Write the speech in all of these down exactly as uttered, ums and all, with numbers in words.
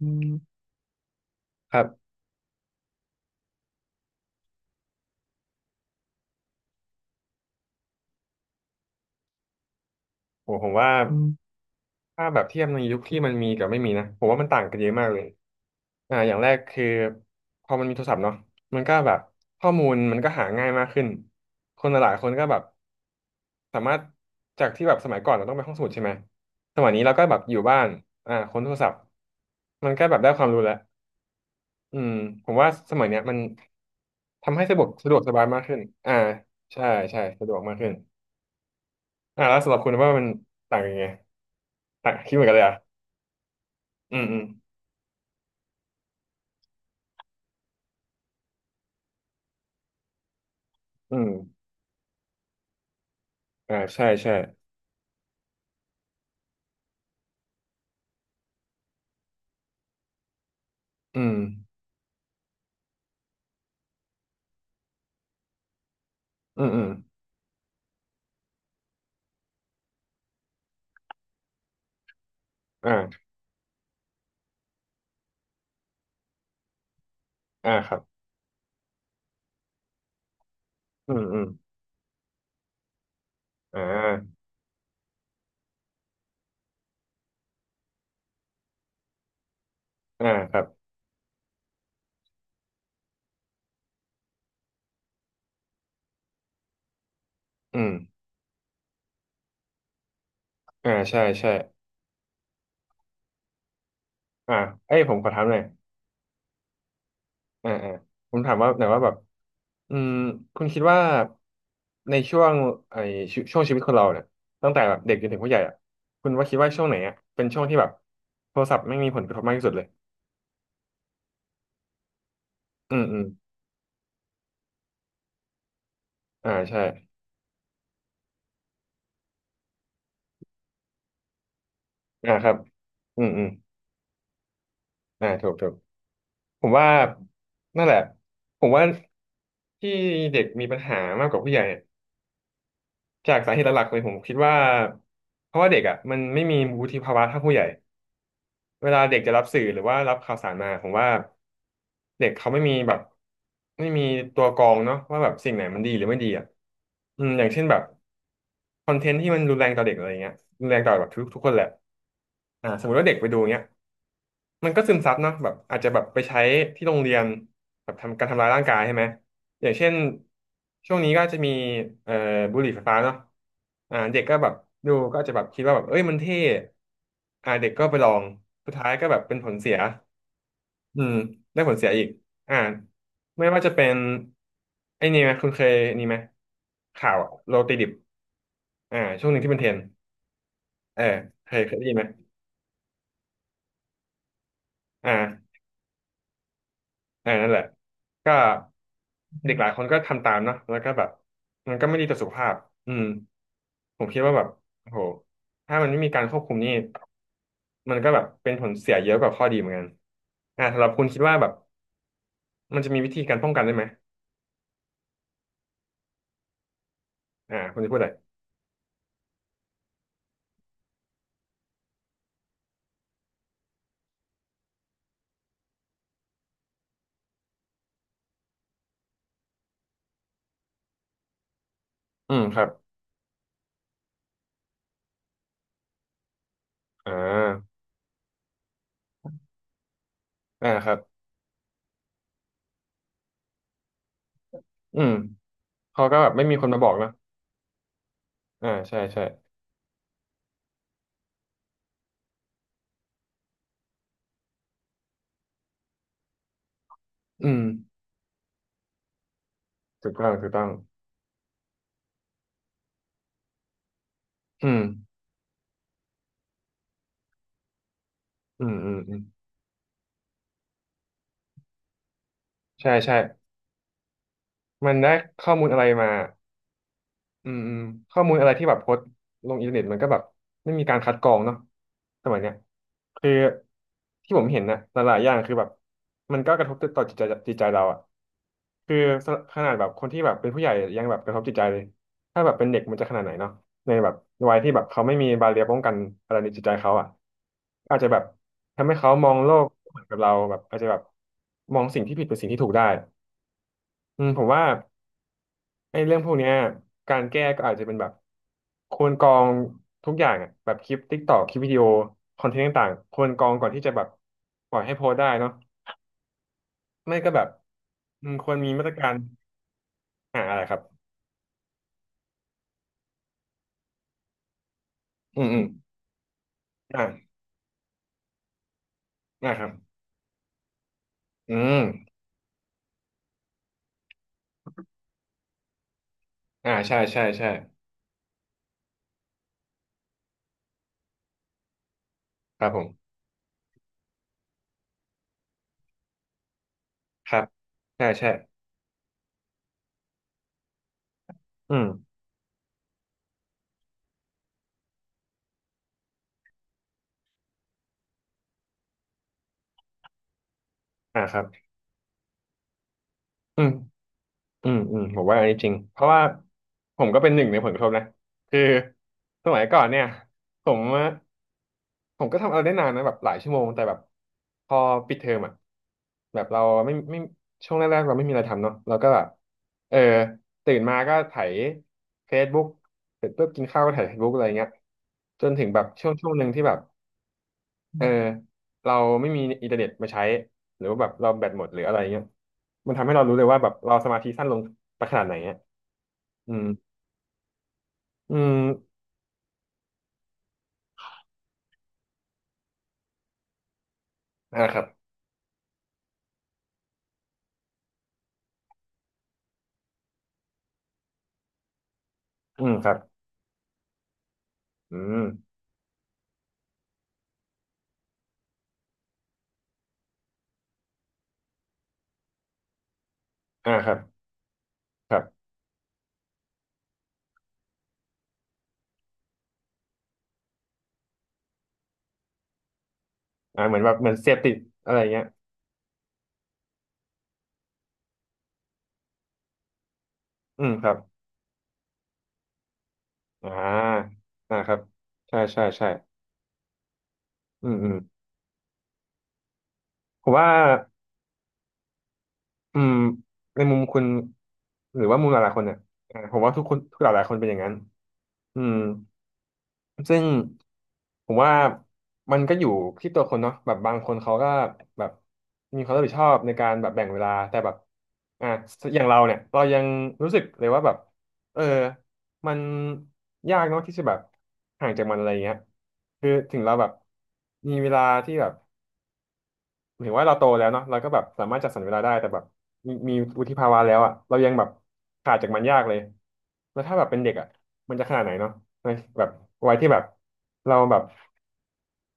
อืมครับผมผมว่าอืมถ้าแบบเทียบในยุคที่มันมีกับไม่มีนะผมว่ามันต่างกันเยอะมากเลยอ่าอย่างแรกคือพอมันมีโทรศัพท์เนาะมันก็แบบข้อมูลมันก็หาง่ายมากขึ้นคนหลายๆคนก็แบบสามารถจากที่แบบสมัยก่อนเราต้องไปห้องสมุดใช่ไหมสมัยนี้เราก็แบบอยู่บ้านอ่าค้นโทรศัพท์มันก็แบบได้ความรู้แล้วอืมผมว่าสมัยเนี้ยมันทำให้สะดวกสะดวกสบายมากขึ้นอ่าใช่ใช่สะดวกมากขึ้นอ่าแล้วสำหรับคุณว่ามันต่างยังไง อ่ะคิดเหมือนกันเลยอ่ะอืมอืมอืมอ่าใช่ใช่อืมอืมอืมอ่าอ่าครับอืมอืมอ่าอ่าครับอืมอ่าใช่ใช่อ่าเอ้ยผมขอถามหน่อยอ่าอ่าผมถามว่าหน่อยว่าแบบอืมคุณคิดว่าในช่วงไอ้ช่วช่วงชีวิตคนเราเนี่ยตั้งแต่แบบเด็กจนถึงผู้ใหญ่อ่ะคุณว่าคิดว่าช่วงไหนอ่ะเป็นช่วงที่แบบโทรศัพท์ไม่มีผลกระทบมากที่สุดเลยอืมอืมอ่าใช่อ่าครับอืมอืมอ่าถูกถูก ผมว่านั่นแหละผมว่าที่เด็กมีปัญหามากกว่าผู้ใหญ่เนี่ยจากสาเหตุหลักๆเลยผมคิดว่าเพราะว่าเด็กอ่ะมันไม่มีวุฒิภาวะเท่าผู้ใหญ่เวลาเด็กจะรับสื่อหรือว่ารับข่าวสารมาผมว่าเด็กเขาไม่มีแบบไม่มีตัวกรองเนาะว่าแบบสิ่งไหนมันดีหรือไม่ดีอ่ะอืมอย่างเช่นแบบคอนเทนต์ที่มันรุนแรงต่อเด็กอะไรเงี้ยรุนแรงต่อแบบทุกทุกคนแหละอ่าสมมติว่าเด็กไปดูเงี้ย มันก็ซึมซับเนาะแบบอาจจะแบบไปใช้ที่โรงเรียนแบบทำการทำร้ายร่างกายใช่ไหมอย่างเช่นช่วงนี้ก็จะมีเอ่อบุหรี่ไฟฟ้าเนาะอ่าเด็กก็แบบดูก็อาจจะแบบคิดว่าแบบเอ้ยมันเท่อ่าเด็กก็ไปลองสุดท้ายก็แบบเป็นผลเสียอืมได้ผลเสียอีกอ่าไม่ว่าจะเป็นไอ้นี่ไหมคุณเคยนี่ไหมข่าวอะโรตีดิบอ่าช่วงหนึ่งที่เป็นเทรนด์เออเคยเคยได้ยินไหมอ่า เออนั่นแหละก็เด็กหลายคนก็ทำตามเนาะแล้วก็แบบมันก็ไม่ดีต่อสุขภาพอืมผมคิดว่าแบบโอ้โหถ้ามันไม่มีการควบคุมนี่มันก็แบบเป็นผลเสียเยอะกว่าข้อดีเหมือนกันอ่าสำหรับคุณคิดว่าแบบมันจะมีวิธีการป้องกันได้ไหมอ่าคุณจะพูดอะไรอืมครับอ่าอ่าครับอืมเขาก็แบบไม่มีคนมาบอกเนอะอ่าใช่ใช่อืมถูกต้องถูกต้องอืมอืมอืมอืมใช่ใช่มันได้ข้อมูลอะไรมา อืมอืมข้อมูลอะไรที่แบบโพสต์ลงอินเทอร์เน็ตมันก็แบบไม่มีการคัดกรองเนาะสมัยเนี้ยคือที่ผมเห็นนะหลายๆอย่างคือแบบมันก็กระทบต่อจิตใจจิตใจเราอะคือขนาดแบบคนที่แบบเป็นผู้ใหญ่ยังแบบกระทบจิตใจเลยถ้าแบบเป็นเด็กมันจะขนาดไหนเนาะในแบบวัยที่แบบเขาไม่มีบาเรียร์ป้องกันอะไรในจิตใจเขาอะอาจจะแบบทำให้เขามองโลกไม่เหมือนกับเราแบบอาจจะแบบมองสิ่งที่ผิดเป็นสิ่งที่ถูกได้อืมผมว่า ไอ้เรื่องพวกเนี้ยการแก้ก็อาจจะเป็นแบบควรกรองทุกอย่างอะแบบคลิปติ๊กตอกคลิปวิดีโอคอนเทนต์ต่างๆควรกรองก่อนที่จะแบบปล่อยให้โพสต์ได้เนาะไม่ก็แบบอืมควรมีมาตรการอ่าอะไรครับอืมอืมอ่าอ่าครับอืมอ่าใช่ใช่ใช่ครับผมครับใช่ใช่อืมอ่าครับอืม อืมอืมผมว่าอันนี้จริงเพราะว่าผมก็เป็นหนึ่งในผลกระทบนะคือสมัยก่อนเนี่ยผมอะผมก็ทำอะไรได้นานนะแบบหลายชั่วโมงแต่แบบพอปิดเทอมอ่ะแบบเราไม่ไม่ช่วงแรกๆเราไม่มีอะไรทำเนาะเราก็แบบเออตื่นมาก็ไถ Facebook เสร็จปุ๊บกินข้าวก็ไถ เฟซบุ๊ก อะไรเงี้ยจนถึงแบบช่วงช่วงหนึ่งที่แบบ เออเราไม่มีอินเทอร์เน็ตมาใช้หรือว่าแบบเราแบตหมดหรืออะไรเงี้ยมันทำให้เรารู้เลยว่าแบบเราสมาธิสั้นลงไปขนาดไหนอ่ะอืมอืมอ่าครับอืมครับอืมอ่าครับครับอ่าเหมือนแบบเหมือนเสพติดอะไรเงี้ยอืมครับอ่าอ่าครับใช่ใช่ใช่อืมอืมผมว่าอืมในมุมคุณหรือว่ามุมหลายๆคนเนี่ยอ่าผมว่าทุกคนทุกหลายๆคนเป็นอย่างนั้นอืม ซึ่งผมว่ามันก็อยู่ที่ตัวคนเนาะแบบบางคนเขาก็แบบมีความรับผิดชอบในการแบบแบ่งเวลาแต่แบบอ่ะอย่างเราเนี่ยเรายังรู้สึกเลยว่าแบบเออมันยากเนาะที่จะแบบห่างจากมันอะไรเงี้ยคือถึงเราแบบมีเวลาที่แบบ ถึงว่าเราโตแล้วเนาะเราก็แบบสามารถจัดสรรเวลาได้แต่แบบมีมีวุฒิภาวะแล้วอ่ะเรายังแบบขาดจากมันยากเลยแล้วถ้าแบบเป็นเด็กอ่ะมันจะขนาดไหนเนาะในแบบวัยที่แบบเราแบบ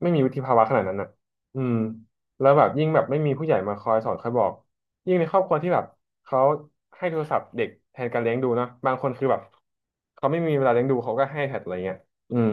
ไม่มีวุฒิภาวะขนาดนั้นอ่ะอืมแล้วแบบยิ่งแบบไม่มีผู้ใหญ่มาคอยสอนคอยบอกยิ่งในครอบครัวที่แบบเขาให้โทรศัพท์เด็กแทนการเลี้ยงดูเนาะบางคนคือแบบเขาไม่มีเวลาเลี้ยงดูเขาก็ให้แทนอะไรเงี้ยอืม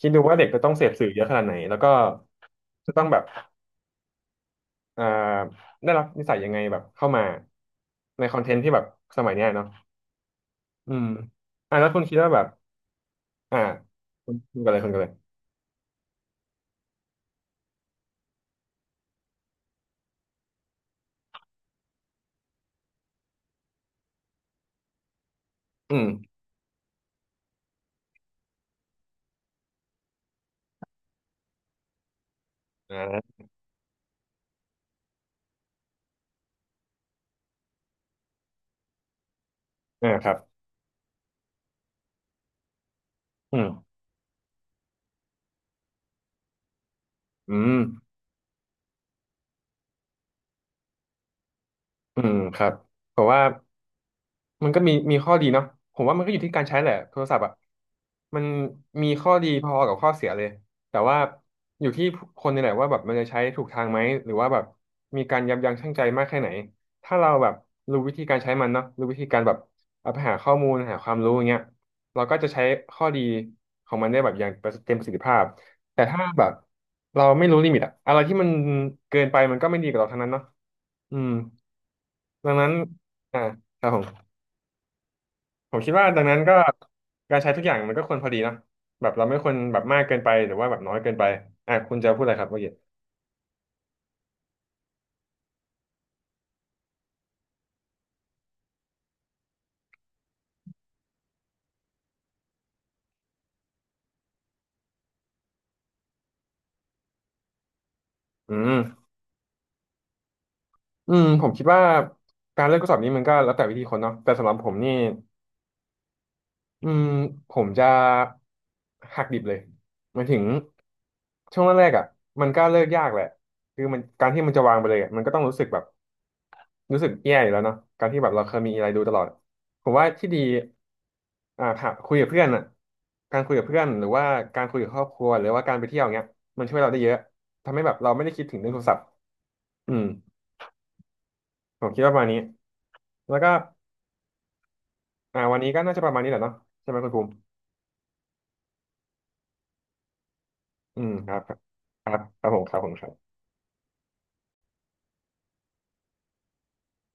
คิดดูว่าเด็กจะต้องเสพสื่อเยอะขนาดไหนแล้วก็จะต้องแบบ เอ่อได้รับนิสัยยังไงแบบเข้ามาในคอนเทนต์ที่แบบสมัยเนี้ยเนาะอืมอ่าแล้วคุณคิดว่าแบบอ่าคุณคุณกันเลยคุณกันเลยอืมอ่าอ่าครับอืมอืมอืมครับผมว่า มันก็มีมีข้อดีเนาะผมว่ามันก็อยู่ที่การใช้แหละโทรศัพท์อ่ะมันมีข้อดีพอกับข้อเสียเลยแต่ว่าอยู่ที่คนนี่แหละว่าแบบมันจะใช้ถูกทางไหมหรือว่าแบบมีการยับยั้งชั่งใจมากแค่ไหนถ้าเราแบบรู้วิธีการใช้มันเนาะรู้วิธีการแบบเอาไปหาข้อมูลหาความรู้อย่างเงี้ยเราก็จะใช้ข้อดีของมันได้แบบอย่างเต็มประสิทธิภาพแต่ถ้าแบบเราไม่รู้ลิมิตอะอะไรที่มันเกินไปมันก็ไม่ดีกับเราทั้งนั้นเนาะอืมดังนั้นอ่าครับผม ผมคิดว่าดังนั้นก็การใช้ทุกอย่างมันก็ควรพอดีเนาะแบบเราไม่ควรแบบมากเกินไปหรือว่าแบบน้อยเกินไปอ่ะคุณจะพูดอะไรครับเมื่อกี้อืมอืมผมคิดว่าการเลือกข้อสอบนี้มันก็แล้วแต่วิธีคนเนาะแต่สำหรับผมนี่อืมผมจะหักดิบเลยหมายถึงช่วงแรกๆอ่ะมันก็เลิกยากแหละคือมันการที่มันจะวางไปเลยอะมันก็ต้องรู้สึกแบบ รู้สึกแย่อยู่แล้วเนาะการที่แบบเราเคยมีอะไรดูตลอดผมว่าที่ดีอ่าค่ะคุยกับเพื่อนอ่ะการคุยกับเพื่อนหรือว่าการคุยกับครอบครัวหรือว่าการไปเที่ยวเงี้ยมันช่วยเราได้เยอะทำให้แบบเราไม่ได้คิดถึงเรื่องโทรศัพท์อืมผมคิดว่าประมาณนี้แล้วก็อ่าวันนี้ก็น่าจะประมาณนี้แหละเนาะใช่ไหมคุณภูมิอืมครับครับครับครับผมครับผมครับ